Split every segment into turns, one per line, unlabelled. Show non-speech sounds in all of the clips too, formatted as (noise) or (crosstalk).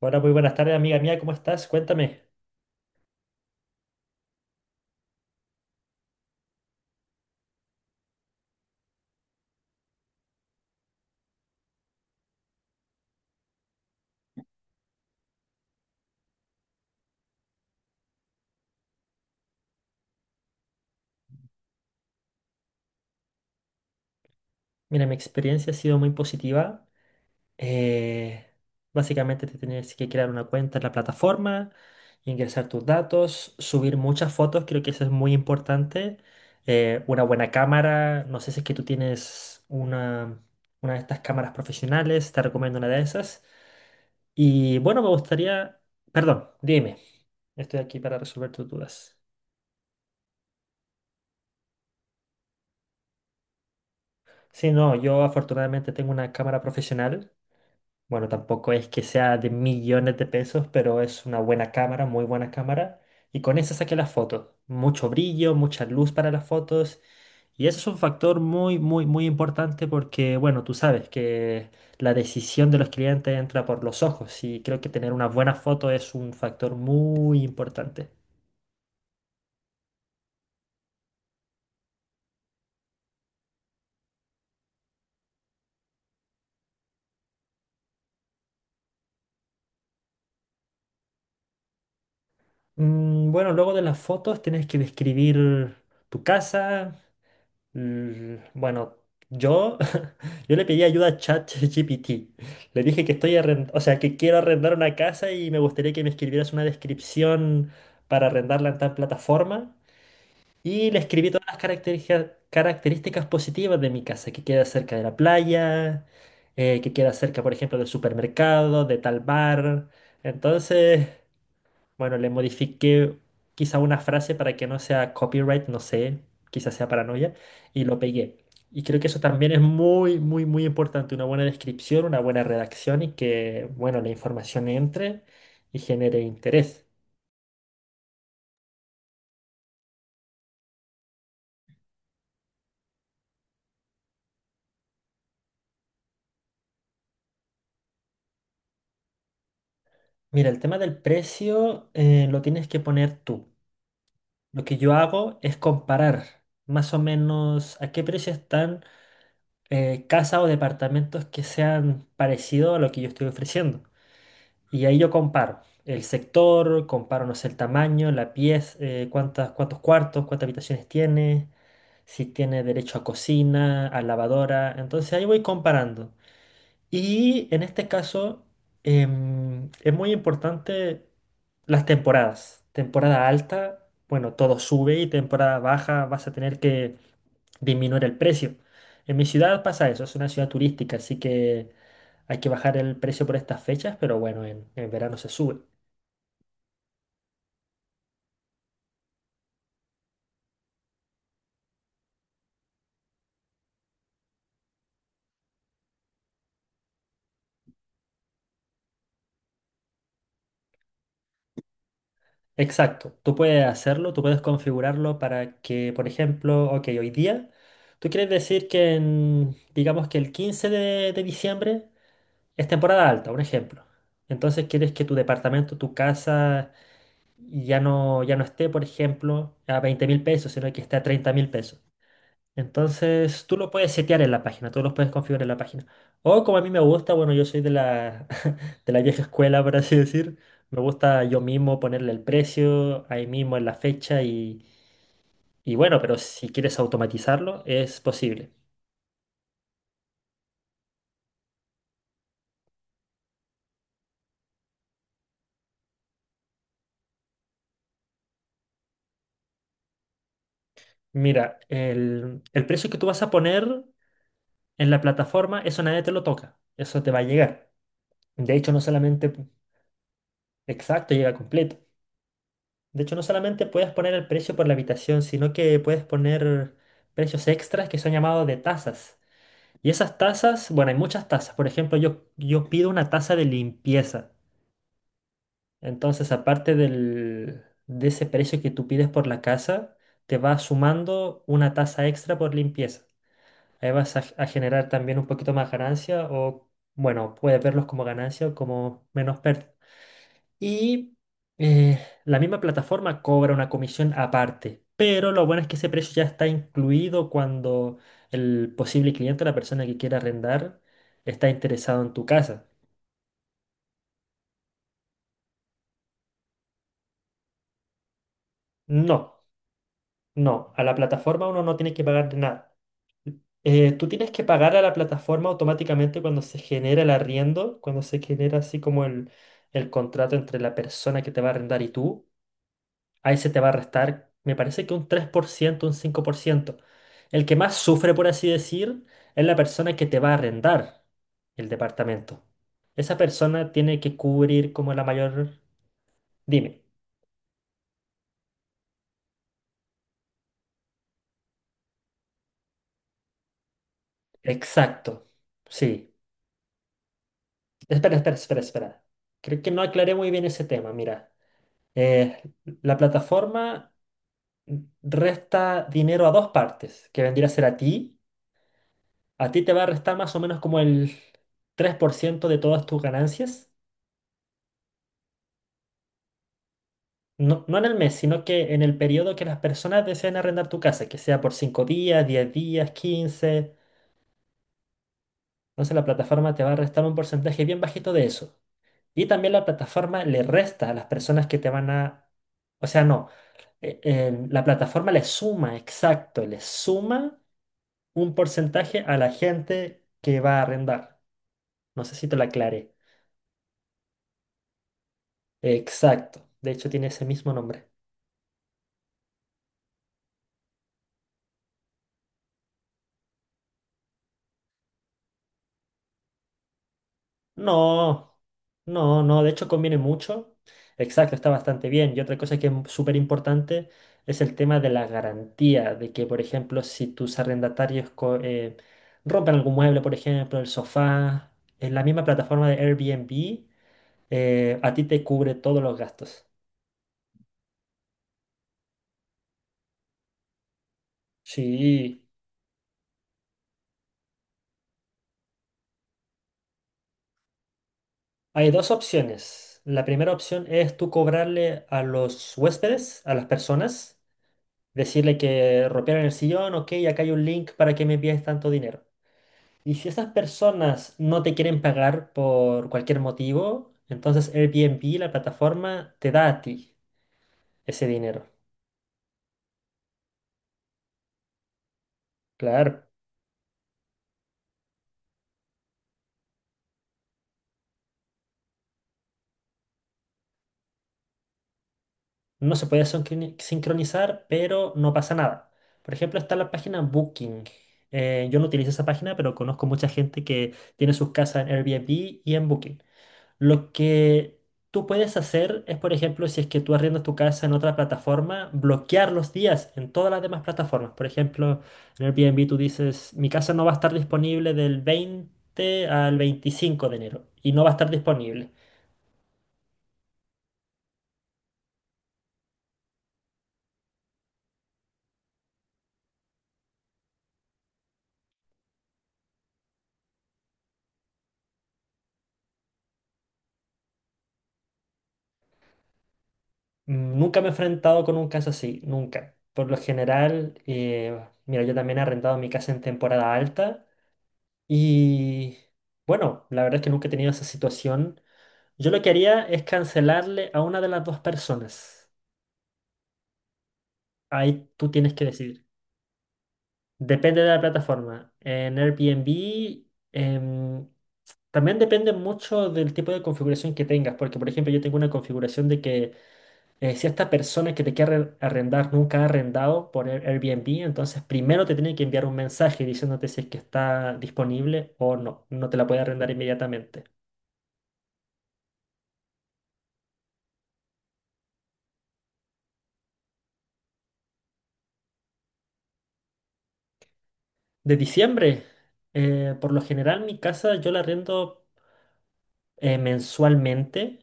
Hola, muy buenas tardes, amiga mía, ¿cómo estás? Cuéntame. Mira, mi experiencia ha sido muy positiva. Eh, Básicamente te tienes que crear una cuenta en la plataforma, ingresar tus datos, subir muchas fotos, creo que eso es muy importante. Una buena cámara, no sé si es que tú tienes una de estas cámaras profesionales, te recomiendo una de esas. Y bueno, me gustaría, perdón, dime, estoy aquí para resolver tus dudas. Sí, no, yo afortunadamente tengo una cámara profesional. Bueno, tampoco es que sea de millones de pesos, pero es una buena cámara, muy buena cámara. Y con esa saqué las fotos. Mucho brillo, mucha luz para las fotos. Y eso es un factor muy, muy, muy importante porque, bueno, tú sabes que la decisión de los clientes entra por los ojos y creo que tener una buena foto es un factor muy importante. Bueno, luego de las fotos tienes que describir tu casa, bueno, yo, (laughs) yo le pedí ayuda a ChatGPT. Le dije que o sea, que quiero arrendar una casa y me gustaría que me escribieras una descripción para arrendarla en tal plataforma. Y le escribí todas las características positivas de mi casa, que queda cerca de la playa, que queda cerca, por ejemplo, del supermercado, de tal bar. Entonces... bueno, le modifiqué quizá una frase para que no sea copyright, no sé, quizás sea paranoia, y lo pegué. Y creo que eso también es muy, muy, muy importante, una buena descripción, una buena redacción y que, bueno, la información entre y genere interés. Mira, el tema del precio lo tienes que poner tú. Lo que yo hago es comparar más o menos a qué precio están casas o departamentos que sean parecidos a lo que yo estoy ofreciendo. Y ahí yo comparo el sector, comparo, no sé, el tamaño, la pieza, cuántos cuartos, cuántas habitaciones tiene, si tiene derecho a cocina, a lavadora. Entonces ahí voy comparando. Y en este caso es muy importante las temporadas. Temporada alta, bueno, todo sube y temporada baja vas a tener que disminuir el precio. En mi ciudad pasa eso, es una ciudad turística, así que hay que bajar el precio por estas fechas, pero bueno, en verano se sube. Exacto, tú puedes hacerlo, tú puedes configurarlo para que, por ejemplo, ok, hoy día, tú quieres decir que en, digamos que el 15 de diciembre es temporada alta, un ejemplo. Entonces quieres que tu departamento, tu casa, ya no, ya no esté, por ejemplo, a 20 mil pesos, sino que esté a 30 mil pesos. Entonces, tú lo puedes setear en la página, tú lo puedes configurar en la página. O como a mí me gusta, bueno, yo soy de la, (laughs) de la vieja escuela, por así decir. Me gusta yo mismo ponerle el precio, ahí mismo en la fecha y bueno, pero si quieres automatizarlo, es posible. Mira, el precio que tú vas a poner en la plataforma, eso nadie te lo toca, eso te va a llegar. De hecho, no solamente exacto, llega completo. De hecho, no solamente puedes poner el precio por la habitación, sino que puedes poner precios extras que son llamados de tasas. Y esas tasas, bueno, hay muchas tasas. Por ejemplo, yo pido una tasa de limpieza. Entonces, aparte de ese precio que tú pides por la casa, te va sumando una tasa extra por limpieza. Ahí vas a generar también un poquito más ganancia o, bueno, puedes verlos como ganancia o como menos pérdida. Y eh, la misma plataforma cobra una comisión aparte, pero lo bueno es que ese precio ya está incluido cuando el posible cliente, la persona que quiera arrendar, está interesado en tu casa. No, no, a la plataforma uno no tiene que pagar nada. Tú tienes que pagar a la plataforma automáticamente cuando se genera el arriendo, cuando se genera así como el contrato entre la persona que te va a arrendar y tú. Ahí se te va a restar, me parece que un 3% un 5%. El que más sufre, por así decir, es la persona que te va a arrendar el departamento. Esa persona tiene que cubrir como la mayor... Dime. Exacto. Sí. Espera, espera, espera, espera. Creo que no aclaré muy bien ese tema. Mira, eh, la plataforma resta dinero a dos partes, que vendría a ser a ti. A ti te va a restar más o menos como el 3% de todas tus ganancias. No, no en el mes, sino que en el periodo que las personas deseen arrendar tu casa, que sea por 5 días, 10 días, 15. Entonces la plataforma te va a restar un porcentaje bien bajito de eso. Y también la plataforma le resta a las personas que te van a... O sea, no. La plataforma le suma, exacto, le suma un porcentaje a la gente que va a arrendar. No sé si te lo aclaré. Exacto. De hecho, tiene ese mismo nombre. No, no, no, de hecho conviene mucho. Exacto, está bastante bien. Y otra cosa que es súper importante es el tema de la garantía, de que, por ejemplo, si tus arrendatarios rompen algún mueble, por ejemplo, el sofá, en la misma plataforma de Airbnb, a ti te cubre todos los gastos. Sí, hay dos opciones. La primera opción es tú cobrarle a los huéspedes, a las personas. Decirle que rompieron el sillón, ok, acá hay un link para que me envíes tanto dinero. Y si esas personas no te quieren pagar por cualquier motivo, entonces Airbnb, la plataforma, te da a ti ese dinero. Claro, no se puede sincronizar, pero no pasa nada. Por ejemplo, está la página Booking. Yo no utilizo esa página, pero conozco mucha gente que tiene sus casas en Airbnb y en Booking. Lo que tú puedes hacer es, por ejemplo, si es que tú arriendas tu casa en otra plataforma, bloquear los días en todas las demás plataformas. Por ejemplo, en Airbnb tú dices, mi casa no va a estar disponible del 20 al 25 de enero y no va a estar disponible. Nunca me he enfrentado con un caso así, nunca. Por lo general, mira, yo también he arrendado mi casa en temporada alta y bueno, la verdad es que nunca he tenido esa situación. Yo lo que haría es cancelarle a una de las dos personas. Ahí tú tienes que decidir. Depende de la plataforma. En Airbnb em, también depende mucho del tipo de configuración que tengas, porque por ejemplo yo tengo una configuración de que si esta persona que te quiere arrendar nunca ha arrendado por Airbnb, entonces primero te tiene que enviar un mensaje diciéndote si es que está disponible o no. No te la puede arrendar inmediatamente. De diciembre, por lo general mi casa yo la arrendo mensualmente,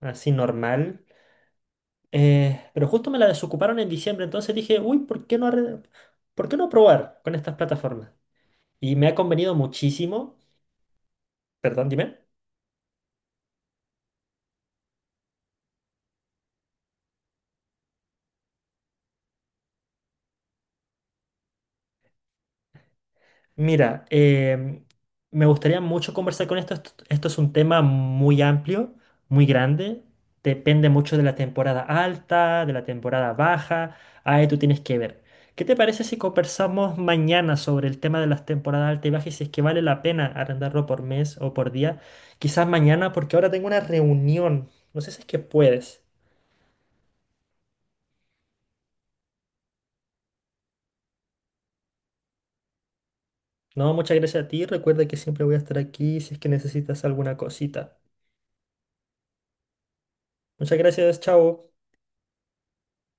así normal. Pero justo me la desocuparon en diciembre, entonces dije, uy, ¿por qué no, por qué no probar con estas plataformas? Y me ha convenido muchísimo, perdón, dime. Mira, me gustaría mucho conversar con esto. Esto es un tema muy amplio, muy grande. Depende mucho de la temporada alta, de la temporada baja. Ahí tú tienes que ver. ¿Qué te parece si conversamos mañana sobre el tema de las temporadas alta y baja y si es que vale la pena arrendarlo por mes o por día? Quizás mañana, porque ahora tengo una reunión. No sé si es que puedes. No, muchas gracias a ti. Recuerda que siempre voy a estar aquí si es que necesitas alguna cosita. Muchas gracias, chao.